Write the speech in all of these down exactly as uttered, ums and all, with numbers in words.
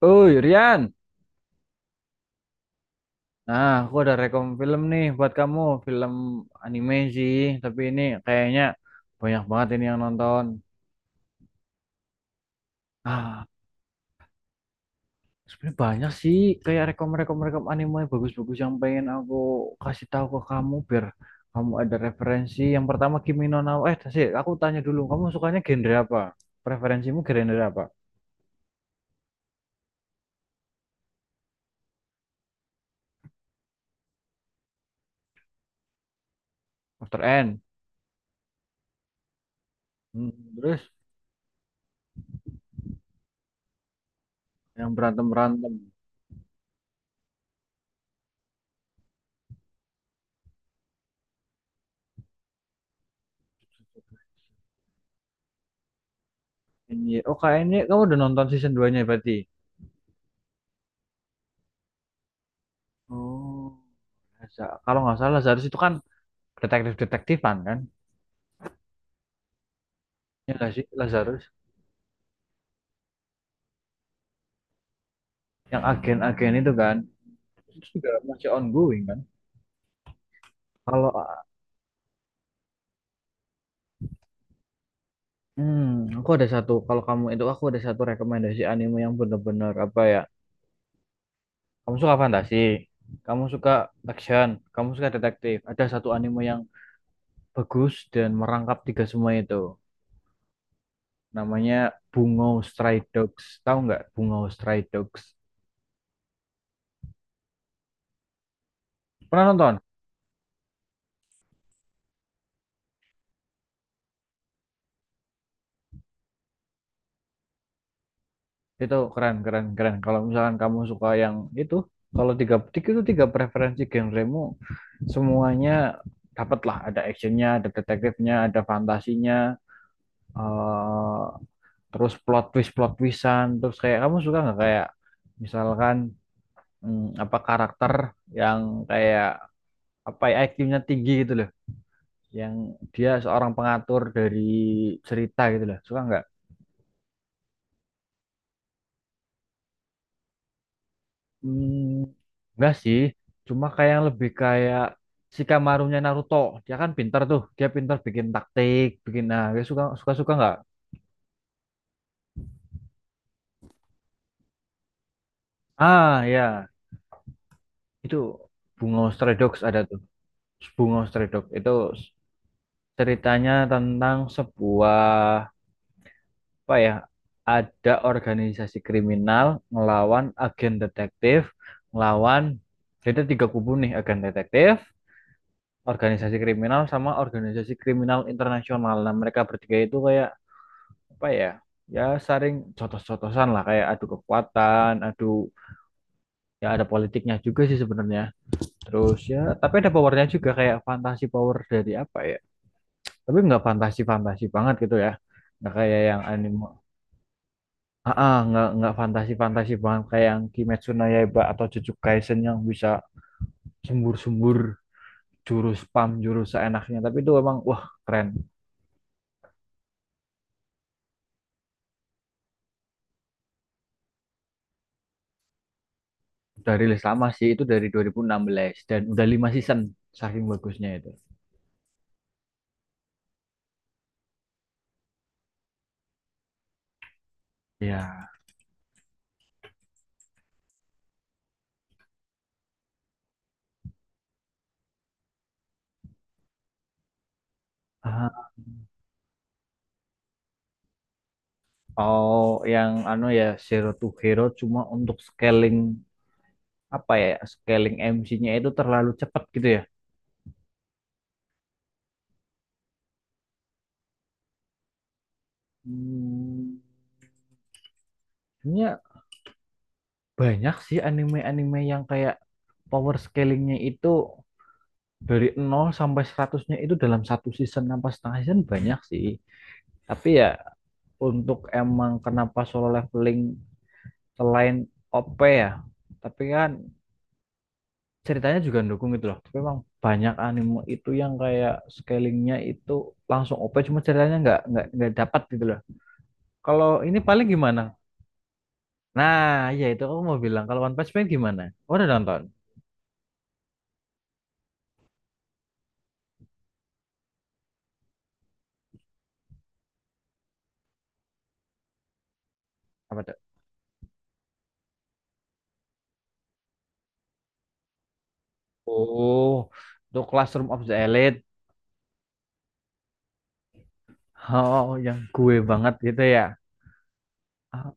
Uy, Rian. Nah, aku ada rekom film nih buat kamu. Film anime sih, tapi ini kayaknya banyak banget ini yang nonton. Ah, sebenarnya banyak sih kayak rekom-rekom rekom anime bagus-bagus yang pengen aku kasih tahu ke kamu biar kamu ada referensi. Yang pertama Kimi no Na wa- Eh, sih, aku tanya dulu, kamu sukanya genre apa? Preferensimu genre apa? After N. Hmm, terus yang berantem-berantem. Ini, oh kayaknya kamu udah nonton season dua-nya berarti. Oh, Laza- kalau nggak salah Lazarus itu kan detektif-detektifan kan? Ya nggak sih Lazarus? Yang agen-agen itu kan? Itu juga masih ongoing kan? Kalau hmm, aku ada satu, kalau kamu itu aku ada satu rekomendasi anime yang bener-bener apa ya? Kamu suka fantasi, kamu suka action, kamu suka detektif. Ada satu anime yang bagus dan merangkap tiga semua itu. Namanya Bungo Stray Dogs. Tahu nggak Bungo Stray Dogs? Pernah nonton? Itu keren, keren, keren. Kalau misalkan kamu suka yang itu, kalau tiga itu tiga preferensi genremu semuanya dapat lah. Ada actionnya, ada detektifnya, ada fantasinya, eh, terus plot twist, plot twistan. Terus kayak kamu suka nggak kayak misalkan hmm, apa karakter yang kayak apa ya I Q-nya tinggi gitu loh, yang dia seorang pengatur dari cerita gitu loh. Suka nggak? Hmm, enggak sih, cuma kayak yang lebih kayak Shikamaru-nya Naruto. Dia kan pintar tuh, dia pintar bikin taktik, bikin nah, dia suka suka suka nggak? Ah ya, itu Bungo Stray Dogs ada tuh. Bungo Stray Dogs itu ceritanya tentang sebuah apa ya? Ada organisasi kriminal ngelawan agen detektif, ngelawan jadi ada tiga kubu nih agen detektif, organisasi kriminal sama organisasi kriminal internasional. Nah, mereka bertiga itu kayak apa ya? Ya saring cotos-cotosan lah kayak adu kekuatan, adu ya ada politiknya juga sih sebenarnya. Terus ya tapi ada powernya juga kayak fantasi power dari apa ya? Tapi nggak fantasi-fantasi banget gitu ya. Nggak kayak yang anime. Ah, ah, nggak nggak fantasi-fantasi banget kayak yang Kimetsu no Yaiba atau Jujutsu Kaisen yang bisa sembur-sembur jurus spam jurus seenaknya, tapi itu emang wah keren. Udah rilis lama sih, itu dari dua ribu enam belas dan udah lima season saking bagusnya itu. Ya. Ah, Oh, yang anu ya Zero to Hero cuma untuk scaling apa ya? Scaling M C-nya itu terlalu cepat gitu ya. Hmm, sebenarnya banyak sih anime-anime yang kayak power scalingnya itu dari nol sampai seratus-nya itu dalam satu season apa setengah season banyak sih. Tapi ya untuk emang kenapa solo leveling selain O P ya tapi kan ceritanya juga dukung gitu loh, tapi emang banyak anime itu yang kayak scalingnya itu langsung O P cuma ceritanya nggak nggak nggak dapat gitu loh. Kalau ini paling gimana? Nah, ya itu aku mau bilang kalau One Punch Man gimana. Oh, udah nonton. Apa tuh? Oh, itu Classroom of the Elite. Oh, yang gue banget gitu ya. Ah,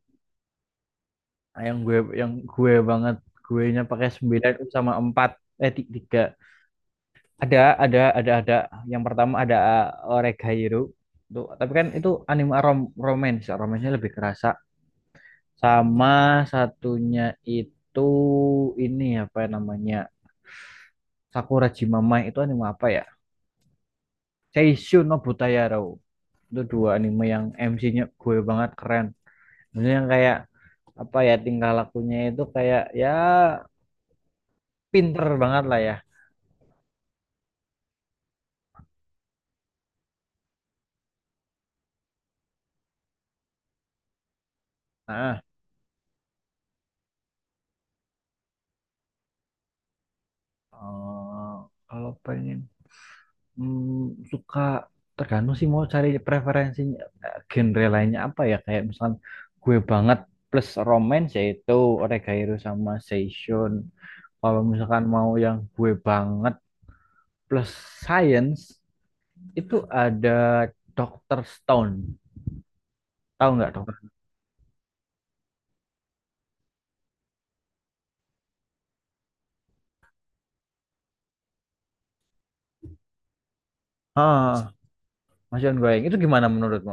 yang gue yang gue banget guenya pakai sembilan sama empat, eh tiga. Ada, ada, ada, ada. Yang pertama ada uh, Oregairu. Tuh, tapi kan itu anime rom romance, romance-nya lebih kerasa. Sama satunya itu ini apa namanya? Sakura Jimamai itu anime apa ya? Seishun no Butayaro. Itu dua anime yang M C-nya gue banget keren. Maksudnya yang kayak apa ya tingkah lakunya itu kayak ya pinter banget lah ya. Nah, eh, kalau pengen Hmm, suka tergantung sih mau cari preferensinya eh, genre lainnya apa ya kayak misalkan gue banget plus romance yaitu Oregairo sama Seishun. Kalau misalkan mau yang gue banget plus science itu ada doctor Stone. Tahu nggak doctor? ah Maksud gue itu gimana menurutmu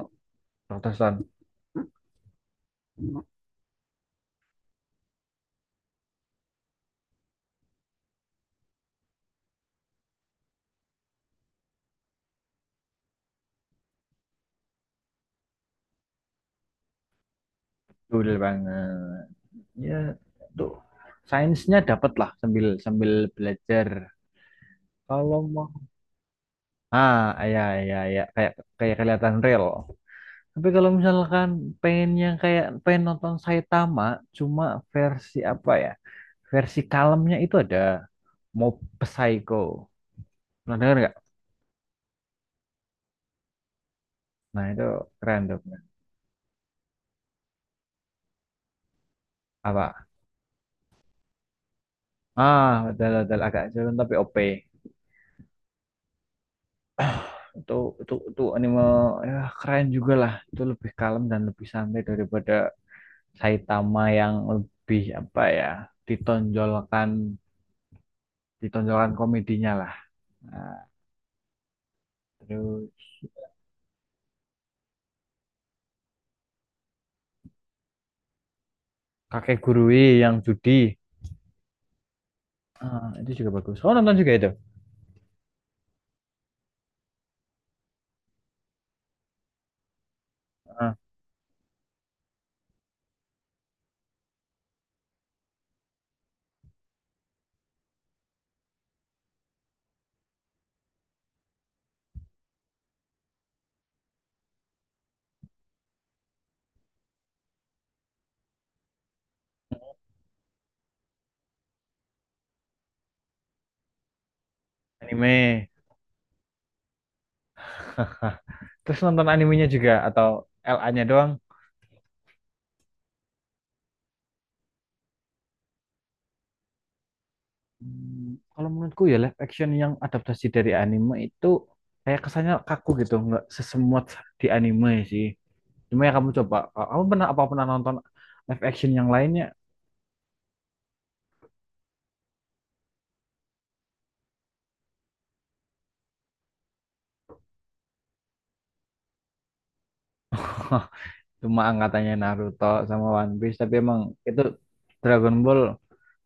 doctor Stone? Dulu banget ya. Tuh. Sainsnya dapat lah, sambil sambil belajar kalau mau. Ah, ya, ya, ya, kayak kayak kelihatan real. Tapi kalau misalkan pengennya kayak pengen nonton Saitama, cuma versi apa ya? Versi kalemnya itu ada Mob Psycho. Pernah dengar nggak? Nah itu keren tuh. Apa? Ah, betul betul agak jalan tapi O P. Itu itu itu anime ya, keren juga lah. Itu lebih kalem dan lebih santai daripada Saitama yang lebih apa ya? Ditonjolkan ditonjolkan komedinya lah. Nah, terus Kakek Gurui yang judi. Ah, itu juga bagus. Oh, nonton juga itu. Ah, anime. Terus nonton animenya juga atau L a nya doang? Hmm, kalau menurutku ya live action yang adaptasi dari anime itu kayak kesannya kaku gitu, nggak sesemut di anime sih. Cuma ya kamu coba, kamu pernah apa pernah nonton live action yang lainnya? Cuma angkatannya Naruto sama One Piece, tapi emang itu Dragon Ball,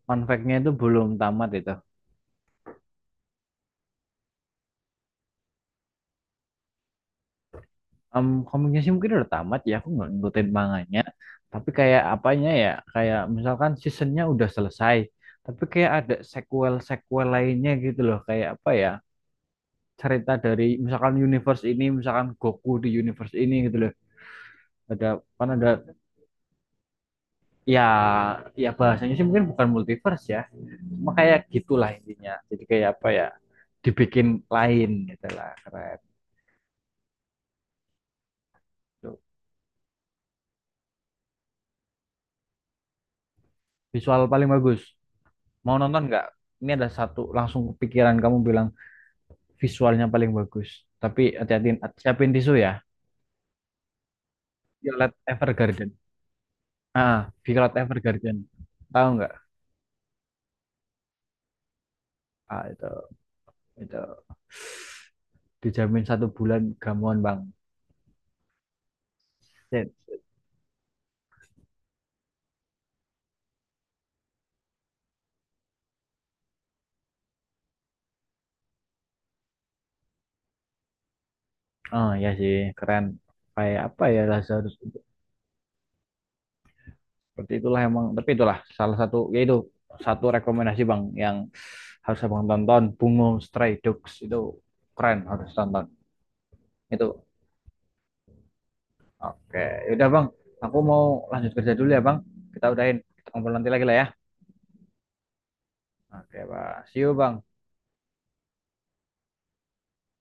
fun fact-nya itu belum tamat itu. Em, komiknya sih mungkin udah tamat ya, aku nggak ngikutin manganya. Tapi kayak apanya ya, kayak misalkan seasonnya udah selesai, tapi kayak ada sequel-sequel lainnya gitu loh. Kayak apa ya, cerita dari misalkan universe ini, misalkan Goku di universe ini gitu loh. Ada, kan ada, ya, ya bahasanya sih mungkin bukan multiverse ya. Cuma kayak gitulah intinya. Jadi kayak apa ya, dibikin lain gitu lah, keren. Tuh. Visual paling bagus. Mau nonton nggak? Ini ada satu langsung kepikiran kamu bilang visualnya paling bagus. Tapi hati-hati, siapin tisu ya. Violet Evergarden. Ah, Violet Evergarden. Tahu nggak? Ah, itu itu dijamin satu bulan gamon bang. Shit. Oh ya sih, keren. Kayak apa ya Lazarus? Seperti itulah emang. Tapi itulah salah satu yaitu satu rekomendasi bang yang harus abang tonton. Bungo Stray Dogs itu keren harus tonton. Itu Oke, yaudah Bang. Aku mau lanjut kerja dulu ya Bang. Kita udahin, kita ngobrol nanti lagi lah ya. Oke, Bang. See you, Bang.